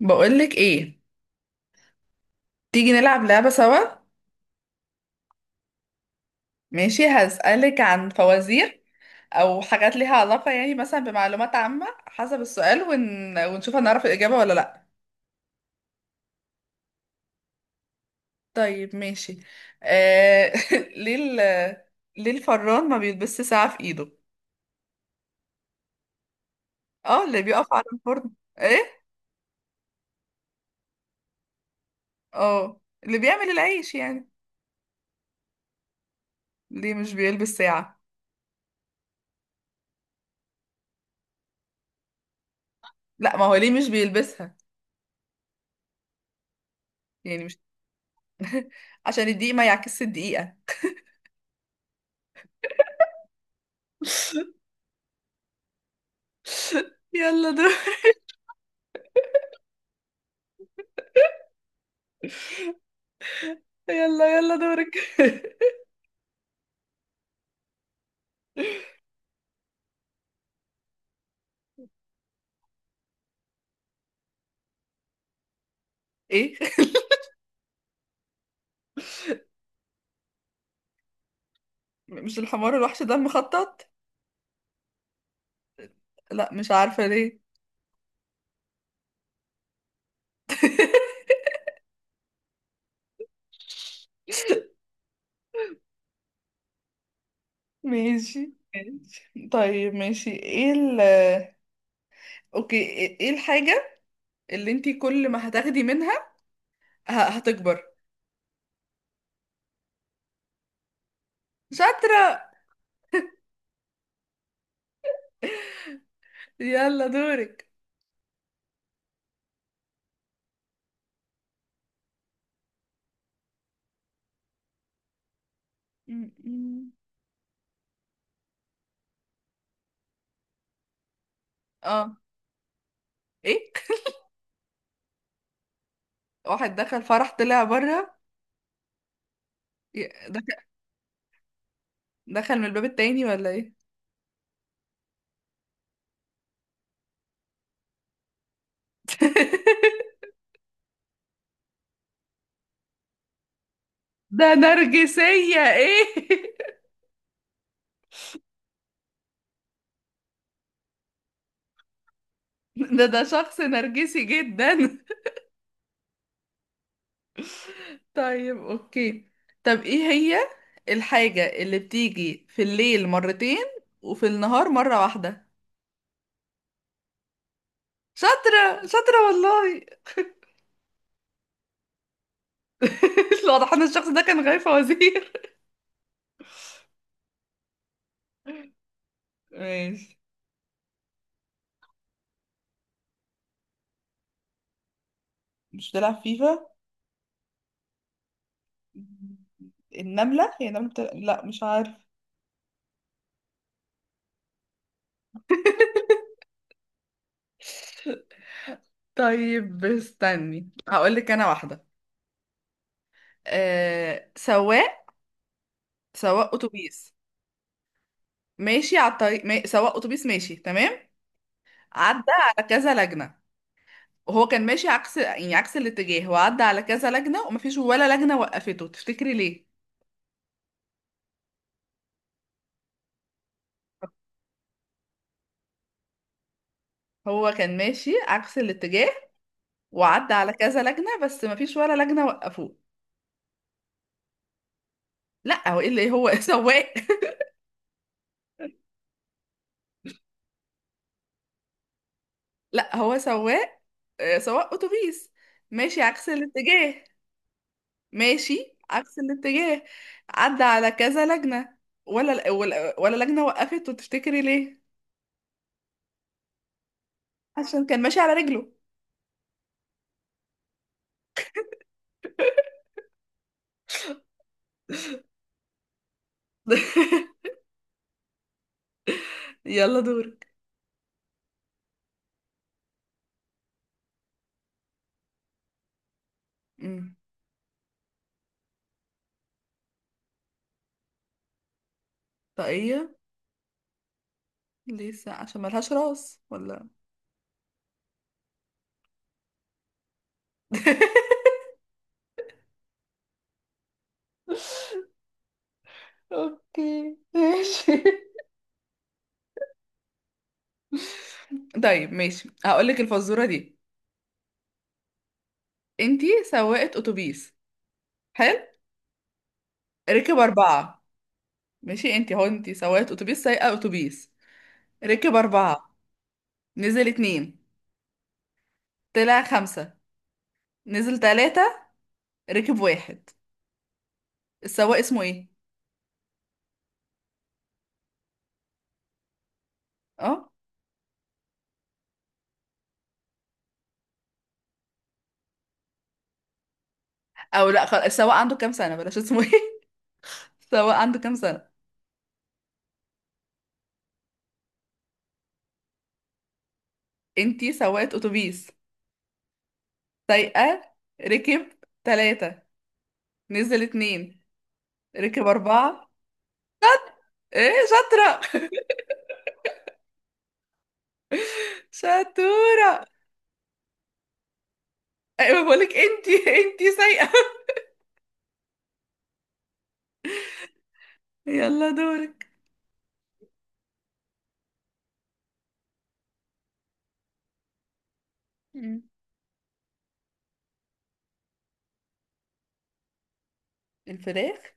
بقولك ايه؟ تيجي نلعب لعبة سوا. ماشي، هسألك عن فوازير او حاجات ليها علاقة يعني مثلا بمعلومات عامة حسب السؤال ونشوف هنعرف الإجابة ولا لا. طيب ماشي. آه... ليه ال... ليه الفران ما بيلبسش ساعة في ايده؟ اه، اللي بيقف على الفرن. ايه. اه، اللي بيعمل العيش يعني. ليه مش بيلبس ساعة؟ لا، ما هو ليه مش بيلبسها؟ يعني مش... عشان الدقيقة ما يعكسش الدقيقة. يلا دور. يلا يلا دورك. ايه؟ مش الحمار الوحش ده المخطط؟ لا مش عارفة ليه. ماشي ماشي، طيب ماشي، ايه ال... اوكي، ايه إيه الحاجة اللي انتي كل ما هتاخدي منها هتكبر؟ شاطرة. يلا دورك. م. اه، ايه؟ واحد دخل فرح طلع بره، دخل دخل من الباب التاني ولا ايه؟ ده نرجسية ايه؟ ده ده شخص نرجسي جدا. طيب اوكي، طب ايه هي الحاجة اللي بتيجي في الليل مرتين وفي النهار مرة واحدة؟ شاطرة شاطرة والله. واضح ان الشخص ده كان غايب فوازير. ماشي. مش بتلعب فيفا؟ النملة هي النملة بتلعب... لا مش عارف. طيب استني هقول لك انا واحدة. سواق، سواق اتوبيس ماشي على الطريق ما... سواق اتوبيس ماشي تمام، عدى على كذا لجنة، وهو كان ماشي عكس يعني عكس الاتجاه، وعدى على كذا لجنة، ومفيش ولا لجنة وقفته. تفتكري ليه؟ هو كان ماشي عكس الاتجاه وعدى على كذا لجنة بس مفيش ولا لجنة وقفوه. لا هو ايه اللي هو سواق. لا هو سواق، آه، سواق اتوبيس ماشي عكس الاتجاه، ماشي عكس الاتجاه، عدى على كذا لجنة ولا لجنة وقفته. تفتكري ليه؟ عشان كان ماشي على رجله. يلا دورك. مم. طاقية؟ ليه الساعة عشان ملهاش راس ولا؟ اوكي ماشي. طيب ماشي هقولك الفزورة دي. انتي سواقة اتوبيس، حلو، ركب اربعة. ماشي، انتي هو انتي سواقة اتوبيس، سايقة اتوبيس، ركب اربعة، نزل اتنين، طلع خمسة، نزل تلاتة، ركب واحد. السواق اسمه ايه؟ اه. او لا السواق عنده كام سنة، بلاش اسمه ايه. السواق عنده كام سنة؟ انتي سواقة اتوبيس، سايقة، ركب تلاتة، نزل اتنين، ركب أربعة. ايه شاطرة. شطورة. ايوه، بقولك انتي، انتي سايقة. يلا دورك. مم. الفراخ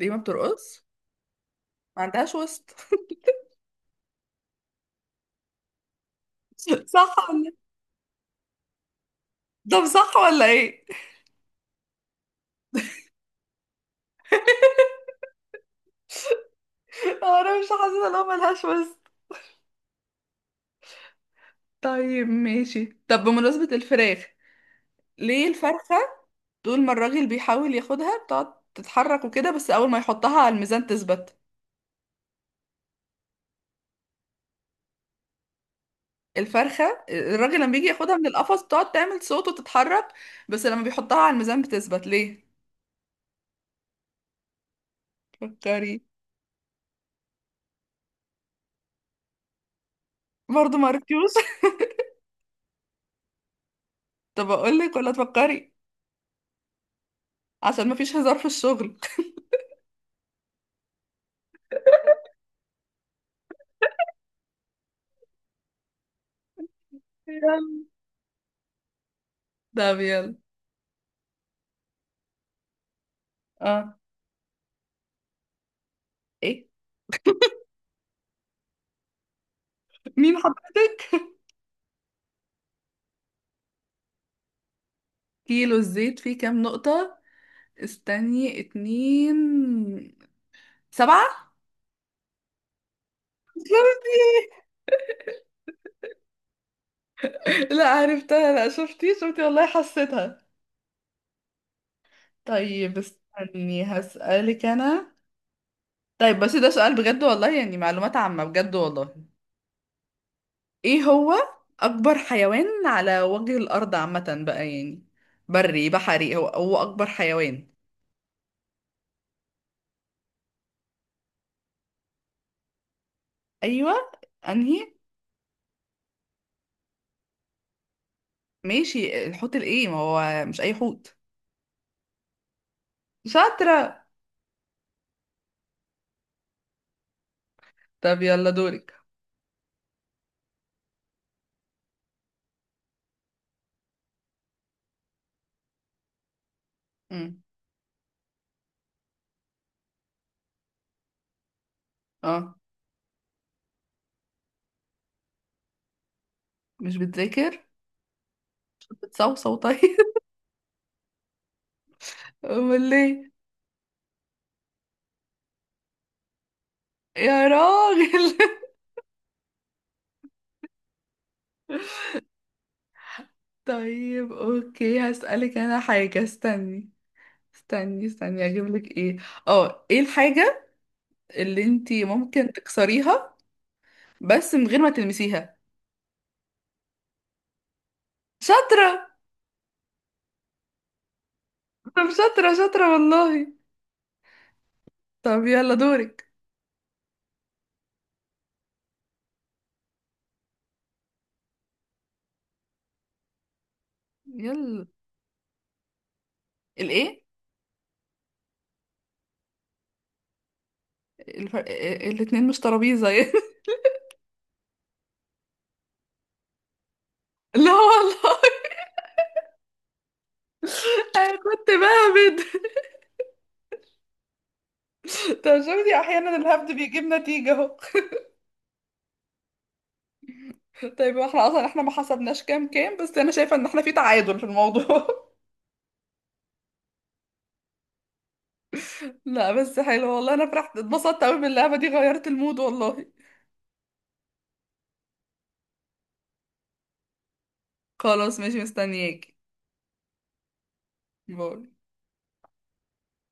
ليه ما بترقص؟ ما عندهاش وسط. صح ولا؟ طب صح ولا ايه؟ انا مش حاسة ان هو ملهاش وسط. طيب ماشي، طب بمناسبة الفراخ، ليه الفرخة طول ما الراجل بيحاول ياخدها بتقعد تتحرك وكده، بس اول ما يحطها على الميزان تثبت؟ الفرخة الراجل لما بيجي ياخدها من القفص بتقعد تعمل صوت وتتحرك، بس لما بيحطها على الميزان بتثبت ليه؟ فكري. برضه ما عرفتيوش. طب اقول لك ولا تفكري؟ عشان ما فيش هزار في الشغل. يلا. طب يلا. اه. ايه، مين حضرتك؟ كيلو الزيت فيه كام نقطة؟ استني. اتنين. سبعة. شفتي؟ لا عرفتها، لا شفتي شفتي والله حسيتها. طيب استني هسألك انا. طيب بس ده سؤال بجد والله، يعني معلومات عامة بجد والله. ايه هو اكبر حيوان على وجه الارض؟ عامة بقى يعني، بري بحري، هو هو اكبر حيوان. ايوه. انهي؟ ماشي الحوت الايه، ما هو مش اي حوت. شاطرة. طب يلا دورك. امم اه، مش بتذاكر؟ بتصوصو طيب. امال ليه؟ يا راجل. طيب اوكي هسألك انا حاجة، استني استني استني اجيب لك ايه. اه، ايه الحاجة اللي انتي ممكن تكسريها بس من غير ما تلمسيها؟ شاطرة. طب شاطرة شاطرة والله. طب يلا دورك. يلا. الايه؟ الفرق... الاتنين مش ترابيزة يعني. لا والله انا كنت بهبد. طب شفتي احيانا الهبد بيجيب نتيجة اهو. طيب احنا اصلا احنا ما حسبناش كام كام، بس انا شايفة ان احنا في تعادل في الموضوع. لا بس حلو والله، انا فرحت اتبسطت قوي باللعبة دي، غيرت المود والله. خلاص ماشي مستنياكي. باي.